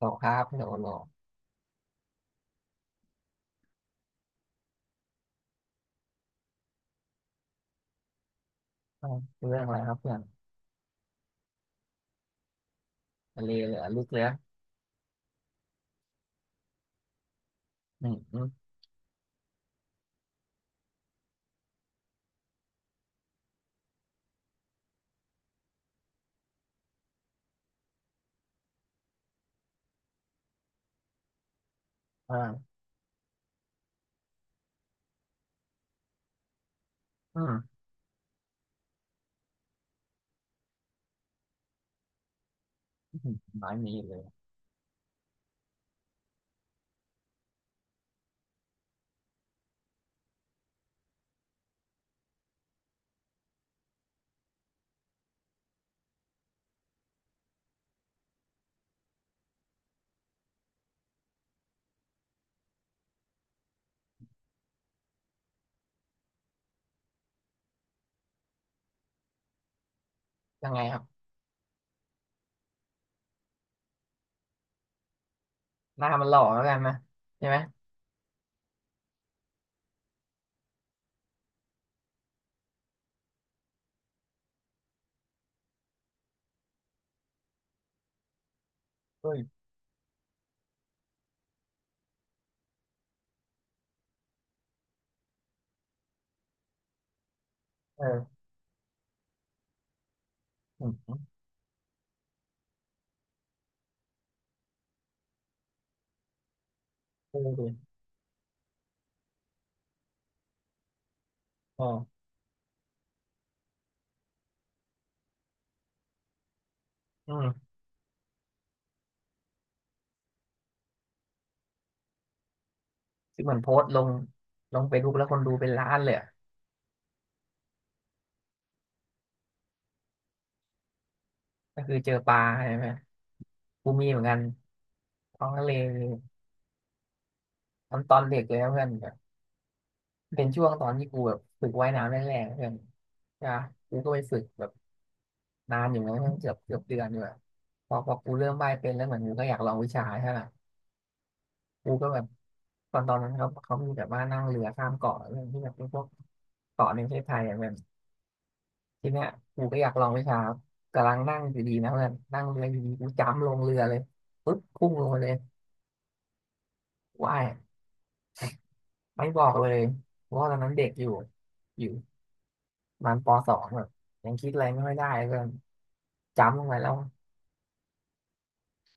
ตกครับโดนหลอกอ่าวเรื่องอะไรครับเพื่อนทะเลเหลือลึกเลยอืมอืมอ่าอืมอื้น้อยมีเลยยังไงครับหน้ามันหล่อแล้วกันนะใช่ไหมเฮ้ยเอออืมอืมเออดิอ๋ออืมคือเหมือนโพสต์ลงลงเฟซบุ๊กแล้วคนดูเป็นล้านเลยอะก็คือเจอปลาใช่ไหมกูมีเหมือนกันท้องทะเลตอนเด็กเลยนะเพื่อนแบบเป็นช่วงตอนที่กูแบบฝึกว่ายน้ำแรกๆเพื่อนนะกูก็ไปฝึกแบบ นานอยู่นะั้งเกือบเกือบเดือนอยู่อะพอกูเริ่มว่ายเป็นแล้วเหมือนกูก็อยากลองวิชาใช่ป่ะกูก็แบบตอนนั้นเขามีแบบว่านั่งเรือข้ามเกาะเรื่องที่แบบเป็นพวกเกาะในประเทศไทยอะแบบทีเนี้ยกูก็อยากลองวิชากำลังนั่งอยู่ดีนะเพื่อนนั่งเรืออยู่ดีกูจ้ำลงเรือเลยปึ๊บพุ่งลงไปเลยว่ายไม่บอกเลยเพราะว่าตอนนั้นเด็กอยู่อยู่ประมันปสองแบบยังคิดอะไรไม่ค่อยได้เพื่อนจ้ำลงไปแล้ว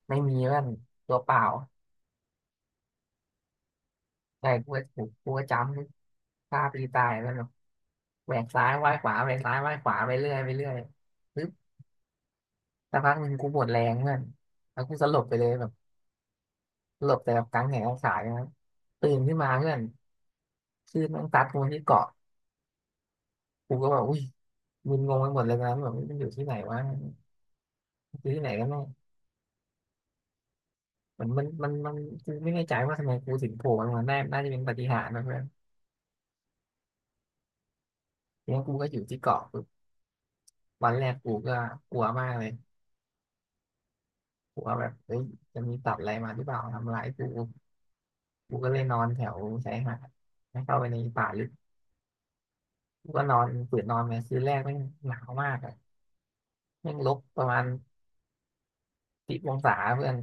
ไม่มีเพื่อนตัวเปล่าใช่กูก็ถูกกูก็จำฆ่าปีตายแล้ว แหวกซ้ายว่ายขวาแหวกซ้ายว่ายขวาไปเรื่อยไปเรื่อยปึ๊บสักพักหนึ่งกูหมดแรงเพื่อนแล้วกูสลบไปเลยแบบสลบแต่แบบกลางแหงกลางขาเลยนะครับตื่นขึ้นมาเพื่อนคลื่นแมันซัดกูมาที่เกาะกูก็แบบอุ้ยมึนงงไปหมดเลยนะแบบมันอยู่ที่ไหนวะอยู่ที่ไหนกันแน่มันกูไม่แน่ใจว่าทำไมกูถึงโผล่มนมาได้น่าจะเป็นปาฏิหาริย์นะเพื่อนทีนี้กูก็อยู่ที่เกาะปึ๊บวันแรกกูก็กลัวมากเลยกลัวแบบเฮ้ยจะมีสัตว์อะไรมาหรือเปล่าทำร้ายกู กูก็เลยนอนแถวชายหาดแล้วเข้าไปในป่าลึกกูก็นอนฝืนนอนไปคืนแรกแม่งหนาวมากอ่ะแม่งลบประมาณ10 องศาเพื่อน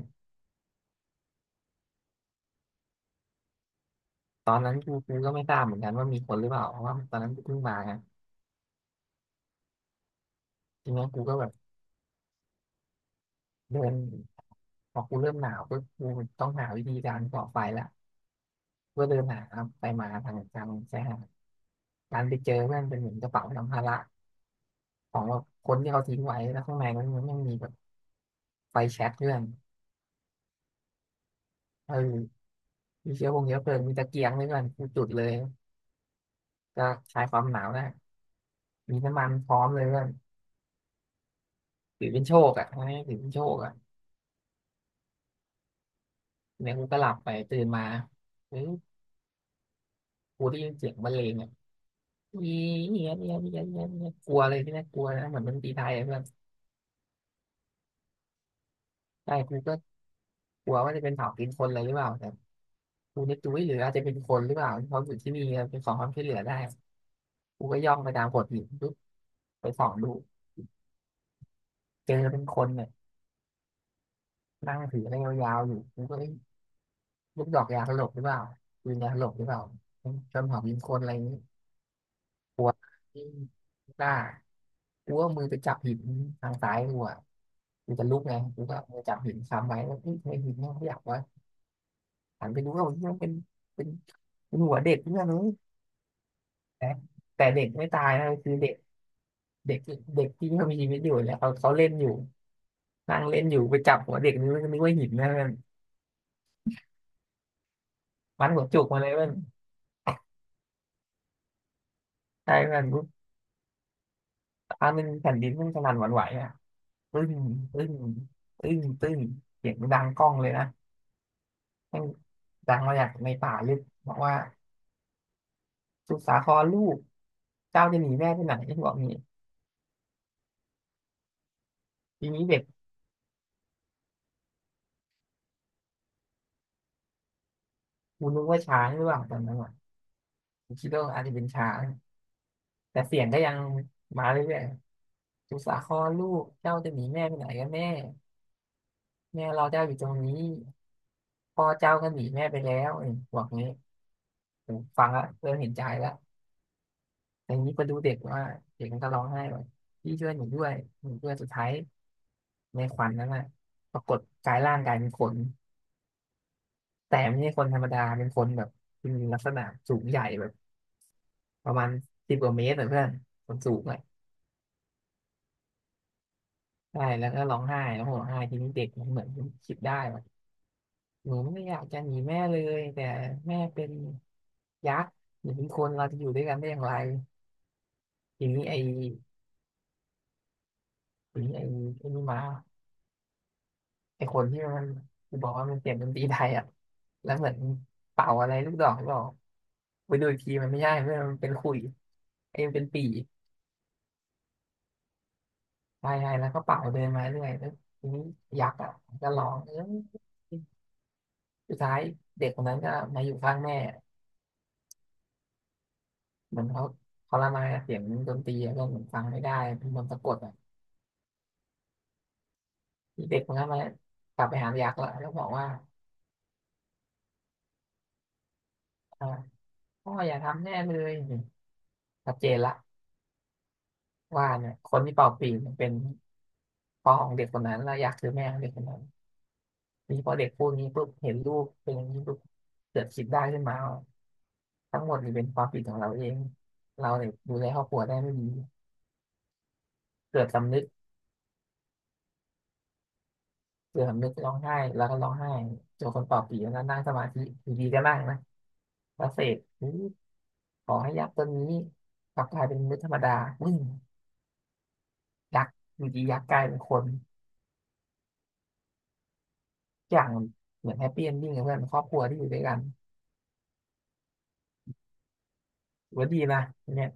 ตอนนั้นกูก็ไม่ทราบเหมือนกันว่ามีคนหรือเปล่าเพราะว่าตอนนั้นกูเพิ่งมาไงทีนี้กูก็แบบเดินพอกูเริ่มหนาวก็กูต้องหาวิธีการก่อไฟละก็เดินหาไปมาทางชายหาดการไปเจอเพื่อนเป็นเหมือนกระเป๋าสัมภาระของแบบคนที่เขาทิ้งไว้แล้วข้างในมันยังมีแบบไฟแช็กเพื่อนเออมีเชื้อพงเชื้อเพลิงมีตะเกียงด้วยกันกูจุดเลย ก็คลายความหนาวได้มีน้ำมันพร้อมเลยเพื่อนถือเป็นโชคอ่ะทำใหถือเป็นโชคอ่ะเนี่ยกูก็หลับไปตื่นมาเฮ้ยกูได้ยินเสียงบรรเลงอ่ะเยียเยียเยียเยียเยียกลัวเลยที่แรกกลัวนะเหมือนมันตรีไทยอะเพื่อนใช่กูก็กลัวว่าจะเป็นเผากินคนอลยรหรือเปล่าแต่กูนึกดูหรืออาจจะเป็นคนหรือเปล่าที่เขาอยู่ที่นี่เป็นของความช่วยเหลือได้กูก็ย่องไปตามโขดหินปุ๊บไปส่องดูเจอเป็นคนเนี่ยนั่งถืออะไรยาวๆอยู่กูก็เอ้ยลูกดอกยาสลบหรือเปล่าปืนยาสลบหรือเปล่าเป็นเผากินคนอะไรอย่างนี้ กลัวหน้ากูก็อามือไปจับหินทางซ้ายกูอ่ะกูจะลุกไงกูก็อมือจับหินค้ำไว้แล้วเฮ้ยทำไมหินมันขยับวะหันไปดูเอ้าเฮ้ยมันเป็นเป็นหัวเด็กเพื่อนเลยแต่แต่เด็กไม่ตายนะคือเด็กเด็กเด็กที่เขามีชีวิตอยู่เนี่ยเขาเล่นอยู่นั่งเล่นอยู่ไปจับหัวเด็กนี่มันนึกว่าหินนะมันมันหัวจุกมาเลยมันใช่มันปุ๊บอันนึงแผ่นดินมันสนั่นหวั่นไหวอ่ะปึ้งปึ้งปึ้งปึ้งเสียงดังก้องเลยนะแม่งดังมาจากในป่าลึกบอกว่า สุดสาครลูกเจ้าจะหนีแม่ไปไหนบอกนี่ทีนี้เด็กกูนึกว่าช้างหรือเปล่าตอนนั้นอ่ะกูคิดว่าอาจจะเป็นช้างแต่เสียงก็ยังมาเรื่อยๆสุดสาครลูกเจ้าจะหนีแม่ไปไหนกันแม่แม่เราเจ้าอยู่ตรงนี้พ่อเจ้าก็หนีแม่ไปแล้วเอ้ยบอกงี้ผมฟังแล้วเริ่มเห็นใจแล้วแต่ทีนี้ไปดูเด็กว่าเด็กมันก็ร้องไห้ว่าพี่ช่วยหนูด้วยหนูด้วยสุดท้ายในขวัญนั้นน่ะปรากฏกายร่างกายเป็นคนแต่ไม่ใช่คนธรรมดาเป็นคนแบบมีลักษณะสูงใหญ่แบบ ประมาณสิบกว่าเมตรอะเพื่อนคนสูงเลยใช่แล้วก็ร้องไห้แล้วผมร้องไห้ทีนี้เด็กมันเหมือนคิดได้ว่าหนูไม่อยากจะหนีแม่เลยแต่แม่เป็นยักษ์หนูเป็นคนเราจะอยู่ด้วยกันได้อย่างไรทีนี้ไอ้ทีนี้ไอ้ไอ้นี่มาไอ้คนที่มันบอกว่ามันเปลียงดนตรีไทยอ่ะแล้วเหมือนเป่าอะไรลูกดอกหรือเปล่าไปดูอีกทีมันไม่ใช่เพื่อนมันเป็นขุยไอ้มันเป็นปี่ใช่ใช่แล้วก็เป่าเดินมาเรื่อยแล้วทีนี้ยักษ์อ่ะมันก็ร้องเออ สุดท้ายเด็กคนนั้นก็มาอยู่ข้างแม่เหมือนเขาเขาละมายเสียงดนตรีก็เหมือนฟังไม่ได้เป็นมนต์สะกดอ่ะที่เด็กคนนั้นมากลับไปหายักษ์ละแล้วบอกว่าอ่าพ่ออย่าทำแน่เลยชัดเจนละว่าเนี่ยคนที่เป่าปีเนเป็นพ่อของเด็กคนนั้นและยักษ์คือแม่ของเด็กคนนั้นนี่พอเด็กพูดนี้ปุ๊บเห็นลูกเป็นอย่างนี้ปุ๊บเกิดคิดได้ขึ้นมาว่าทั้งหมดนี่เป็นความผิดของเราเองเราเนี่ยดูแลครอบครัวได้ไม่ดีเกิดสำนึก เสื่อมนึกร้องไห้แล้วก็ร้องไห้เจอคนเป่าปีแล้วนั่งสมาธิอยู่ดีก็นั่งนะแล้วเสกอุ๊ยขอให้ยักษ์ตัวนี้กลับกลายเป็นมนุษย์ธรรมดาวิ่งยักษ์อยู่ดียักษ์กลายเป็นคนทุกอย่างเหมือนแฮปปี้เอนดิ้งกับเพื่อนครอบครัวที่อยู่ด้วยกันถือว่าดีนะเนี่ย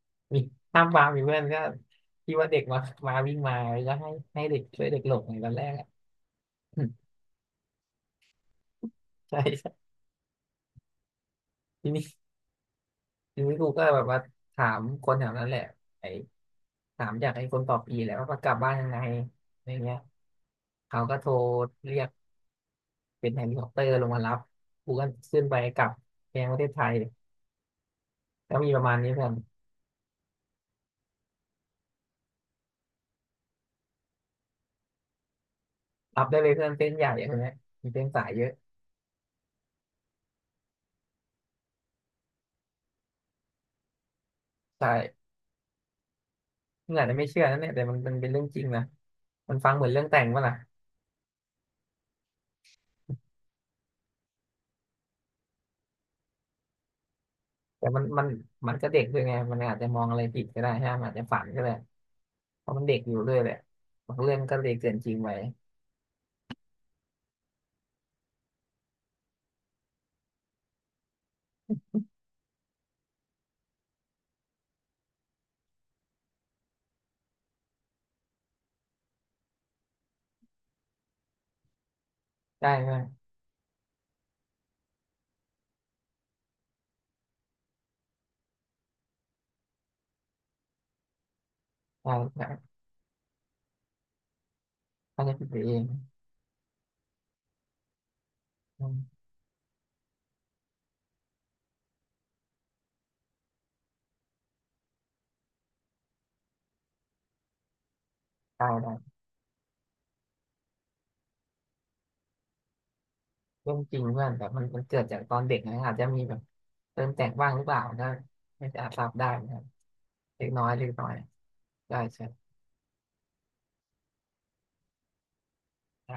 มีห้ามวางมีเพื่อนก็ที่ว่าเด็กมามาวิ่งมาแล้วก็ให้เด็กช่วยเด็กหลบในตอนแรกอ่ะ ใช่ใช่ทีนี้ทีนี้กูก็แบบว่าถามคนแถวนั้นแหละไอ้ถามอยากให้คนต่อปีแหละว่าเขากลับบ้านยังไงอะไรเงี้ย เขาก็โทรเรียกเป็นเฮลิคอปเตอร์ลงมารับกูก็ขึ้นไปกลับแกงประเทศไทยก็มีประมาณนี้เพื่อนรับได้เลยเพื่อนเส้นใหญ่อะไรเนี้ยมีเส้นสายเยอะใช่มึงอาจจะไม่เชื่อนะเนี่ยแต่มันเป็นเรื่องจริงนะมันฟังเหมือนเรื่องแต่งป่ะล่ะแต่มันก็เด็กด้วยไงมันอาจจะมองอะไรผิดก็ได้ฮะมันอาจจะฝันก็ได้เพราะมันเด็กอยู่ด้วยแหละบางเรื่องก็เลยเกินจริงไปได้ไหมได้ครับอาจจะผิดไปเองอืมได้ได้เรื่องจริงเพื่อนแต่มันเกิดจากตอนเด็กนะอาจจะมีแบบ เติมแต่งว่างหรือเปล่านะไม่จะอาจทราบได้นะครับเล็กน้อยเล็กน้อยได้ใช่ได้